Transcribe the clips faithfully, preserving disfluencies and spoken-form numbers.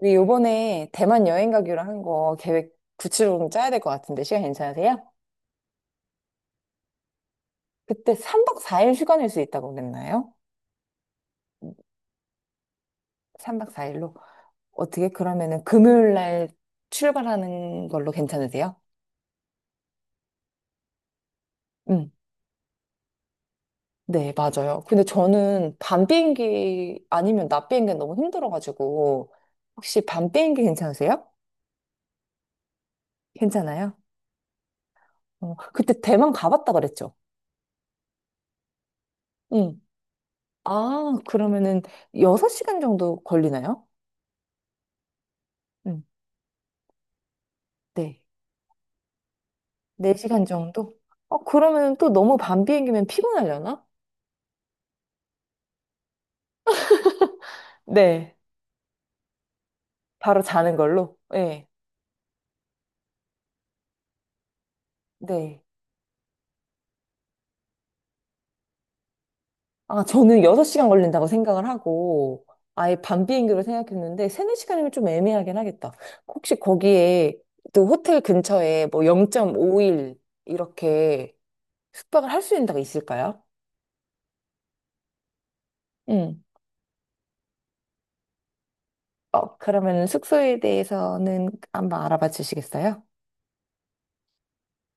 우리 요번에 대만 여행 가기로 한 거 계획 구체적으로 좀 짜야 될 것 같은데 시간 괜찮으세요? 그때 삼 박 사 일 휴가 낼 수 있다고 그랬나요? 삼 박 사 일로. 어떻게 그러면은 금요일 날 출발하는 걸로 괜찮으세요? 음. 네, 맞아요. 근데 저는 밤 비행기 아니면 낮 비행기는 너무 힘들어가지고 혹시 밤 비행기 괜찮으세요? 괜찮아요? 어, 그때 대만 가봤다 그랬죠? 응. 아, 그러면은 여섯 시간 정도 걸리나요? 응, 네. 4시간 정도? 어, 그러면 또 너무 밤 비행기면 피곤하려나? 네. 바로 자는 걸로? 네. 네. 아, 저는 여섯 시간 걸린다고 생각을 하고, 아예 밤 비행기로 생각했는데, 세, 네 시간이면 좀 애매하긴 하겠다. 혹시 거기에, 또 호텔 근처에 뭐 영 점 오 일 이렇게 숙박을 할 수 있는 데가 있을까요? 응. 어, 그러면 숙소에 대해서는 한번 알아봐 주시겠어요?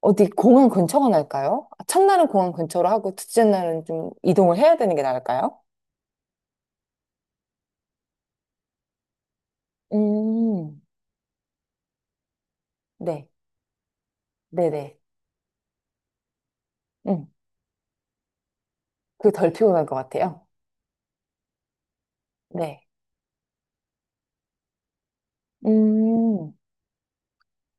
어디 공항 근처가 나을까요? 아, 첫날은 공항 근처로 하고 둘째 날은 좀 이동을 해야 되는 게 나을까요? 음, 네, 네네. 음, 그게 덜 피곤할 것 같아요. 네. 음,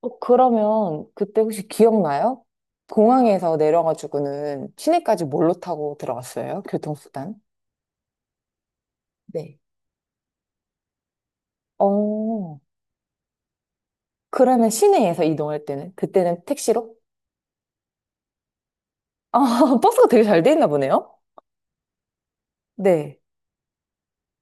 어, 그러면 그때 혹시 기억나요? 공항에서 내려가지고는 시내까지 뭘로 타고 들어갔어요? 교통수단? 네. 어, 그러면 시내에서 이동할 때는? 그때는 택시로? 아, 버스가 되게 잘 돼 있나 보네요? 네.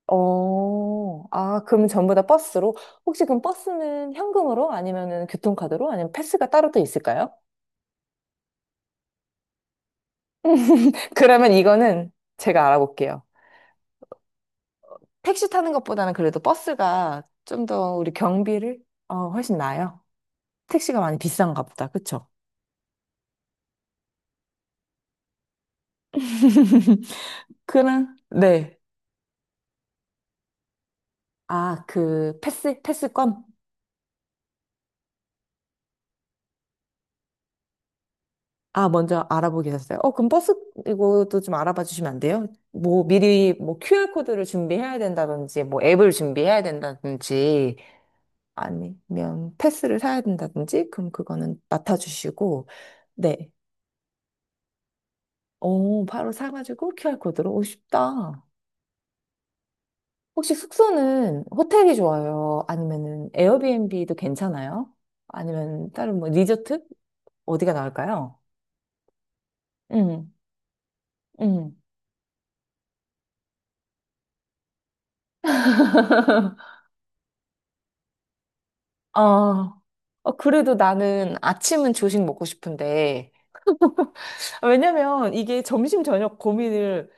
어, 아, 그럼 전부 다 버스로? 혹시 그럼 버스는 현금으로? 아니면은 교통카드로? 아니면 패스가 따로 또 있을까요? 그러면 이거는 제가 알아볼게요. 택시 타는 것보다는 그래도 버스가 좀 더 우리 경비를 어, 훨씬 나아요. 택시가 많이 비싼가 보다. 그쵸? 그럼, 네. 아, 그 패스? 패스권? 아, 먼저 알아보게 됐어요. 어, 그럼 버스 이것도 좀 알아봐 주시면 안 돼요? 뭐 미리 뭐 큐알코드를 준비해야 된다든지, 뭐 앱을 준비해야 된다든지, 아니면 패스를 사야 된다든지, 그럼 그거는 맡아주시고, 네. 어, 바로 사가지고 큐알코드로 오, 쉽다. 혹시 숙소는 호텔이 좋아요? 아니면은 에어비앤비도 괜찮아요? 아니면 다른 뭐 리조트? 어디가 나을까요? 음, 음. 아, 어, 그래도 나는 아침은 조식 먹고 싶은데, 아, 왜냐면 이게 점심 저녁 고민을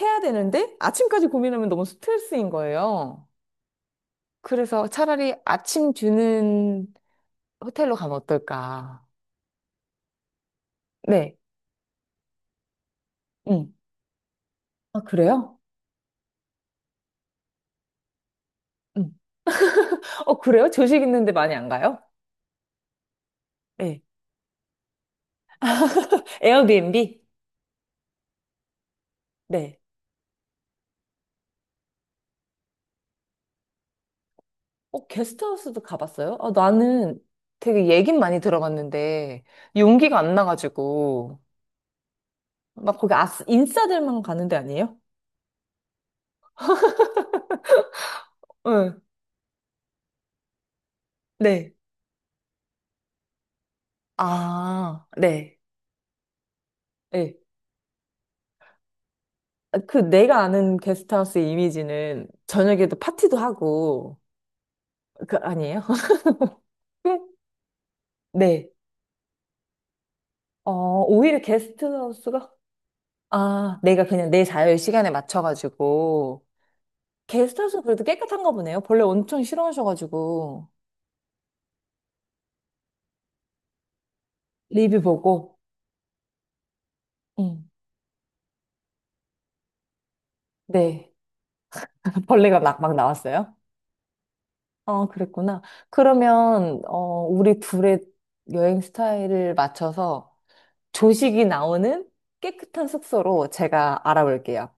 해야 되는데 아침까지 고민하면 너무 스트레스인 거예요. 그래서 차라리 아침 주는 호텔로 가면 어떨까? 네. 응, 아, 그래요? 응, 어, 그래요? 조식 있는데 많이 안 가요? 네. 에어비앤비? 네. 어, 게스트하우스도 가봤어요? 아, 나는 되게 얘긴 많이 들어봤는데, 용기가 안 나가지고, 막 거기 아스, 인싸들만 가는 데 아니에요? 응, 네, 아, 네. 예. 그 내가 아는 게스트하우스 이미지는 저녁에도 파티도 하고, 그, 아니에요? 응, 네. 어, 오히려 게스트하우스가? 아, 내가 그냥 내 자유 시간에 맞춰가지고. 게스트하우스 그래도 깨끗한가 보네요. 벌레 엄청 싫어하셔가지고. 리뷰 보고, 응. 네. 벌레가 막, 막 나왔어요? 아, 그랬구나. 그러면, 어, 우리 둘의 여행 스타일을 맞춰서 조식이 나오는 깨끗한 숙소로 제가 알아볼게요.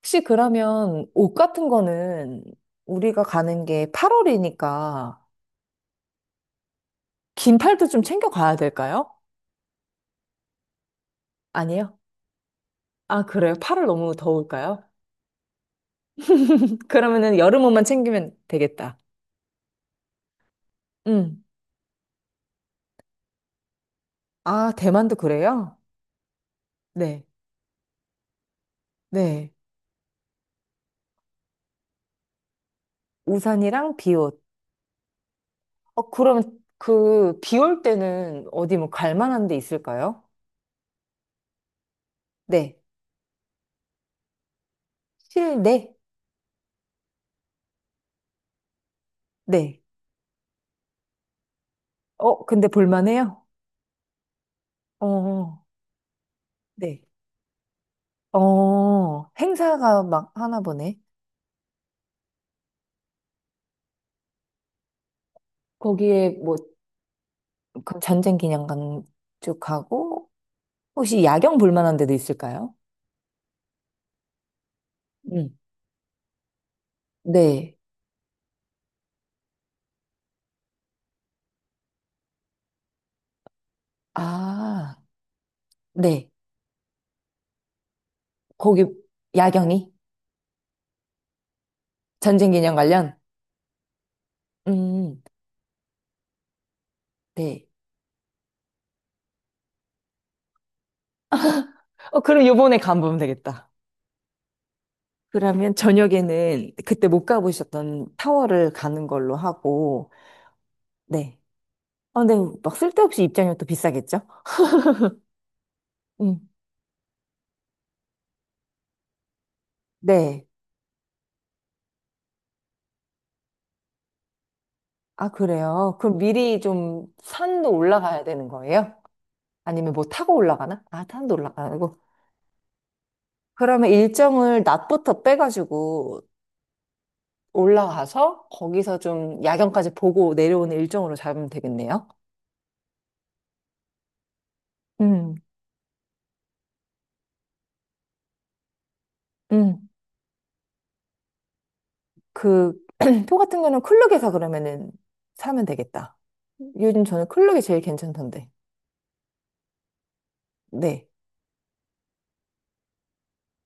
혹시 그러면 옷 같은 거는 우리가 가는 게 팔월이니까 긴 팔도 좀 챙겨가야 될까요? 아니요. 아, 그래요? 팔월 너무 더울까요? 그러면은 여름 옷만 챙기면 되겠다. 음. 아, 대만도 그래요? 네. 네. 우산이랑 비옷. 어, 그러면 그, 비올 때는 어디 뭐 갈 만한 데 있을까요? 네. 실내? 네. 어, 근데 볼만해요? 어, 네. 어, 행사가 막 하나 보네. 거기에 뭐, 그 전쟁 기념관 쭉 가고, 혹시 야경 볼만한 데도 있을까요? 음. 네. 아, 네. 거기 야경이? 전쟁 기념 관련? 음, 네. 어, 그럼 요번에 가보면 되겠다. 그러면 저녁에는 그때 못 가보셨던 타워를 가는 걸로 하고, 네. 아, 근데 막 쓸데없이 입장료 또 비싸겠죠? 음. 네. 아, 그래요? 그럼 미리 좀 산도 올라가야 되는 거예요? 아니면 뭐 타고 올라가나? 아, 산도 올라가고. 그러면 일정을 낮부터 빼가지고 올라가서 거기서 좀 야경까지 보고 내려오는 일정으로 잡으면 되겠네요? 음, 음. 그, 표 같은 거는 클룩에서 그러면은 사면 되겠다. 요즘 저는 클룩이 제일 괜찮던데. 네.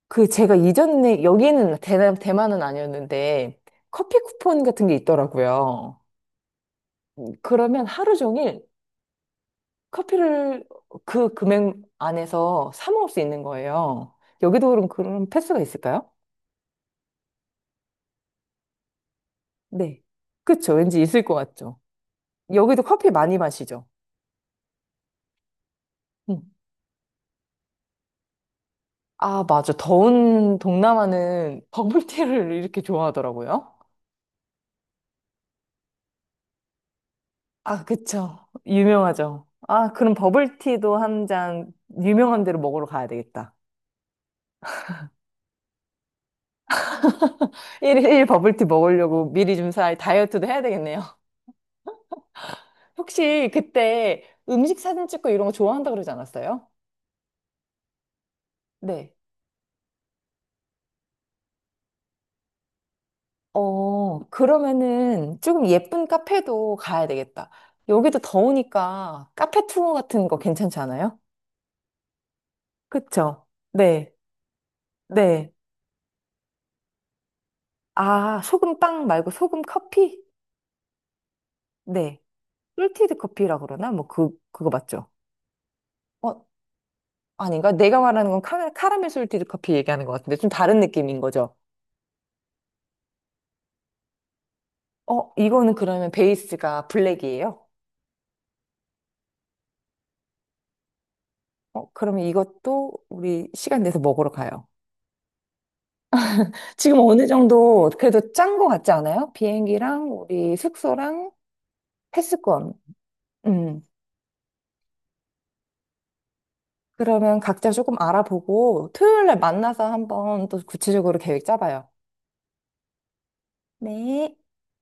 그 제가 이전에, 여기는 대만, 대만은 아니었는데, 커피 쿠폰 같은 게 있더라고요. 그러면 하루 종일 커피를 그 금액 안에서 사 먹을 수 있는 거예요. 여기도 그럼 그런 패스가 있을까요? 네. 그쵸. 왠지 있을 것 같죠. 여기도 커피 많이 마시죠. 응. 아, 맞아. 더운 동남아는 버블티를 이렇게 좋아하더라고요. 아, 그쵸. 유명하죠. 아, 그럼 버블티도 한 잔 유명한 데로 먹으러 가야 되겠다. 일일 버블티 먹으려고 미리 좀 사, 다이어트도 해야 되겠네요. 혹시 그때 음식 사진 찍고 이런 거 좋아한다 그러지 않았어요? 네. 어, 그러면은 조금 예쁜 카페도 가야 되겠다. 여기도 더우니까 카페 투어 같은 거 괜찮지 않아요? 그쵸? 네. 네. 아, 소금 빵 말고 소금 커피? 네. 솔티드 커피라 그러나? 뭐 그, 그거 맞죠? 어, 아닌가? 내가 말하는 건 카, 카라멜 솔티드 커피 얘기하는 것 같은데 좀 다른 느낌인 거죠? 어, 이거는 그러면 베이스가 블랙이에요? 어, 그러면 이것도 우리 시간 내서 먹으러 가요. 지금 어느 정도 그래도 짠 거 같지 않아요? 비행기랑 우리 숙소랑 패스권. 음. 그러면 각자 조금 알아보고 토요일 날 만나서 한번 또 구체적으로 계획 짜봐요. 네.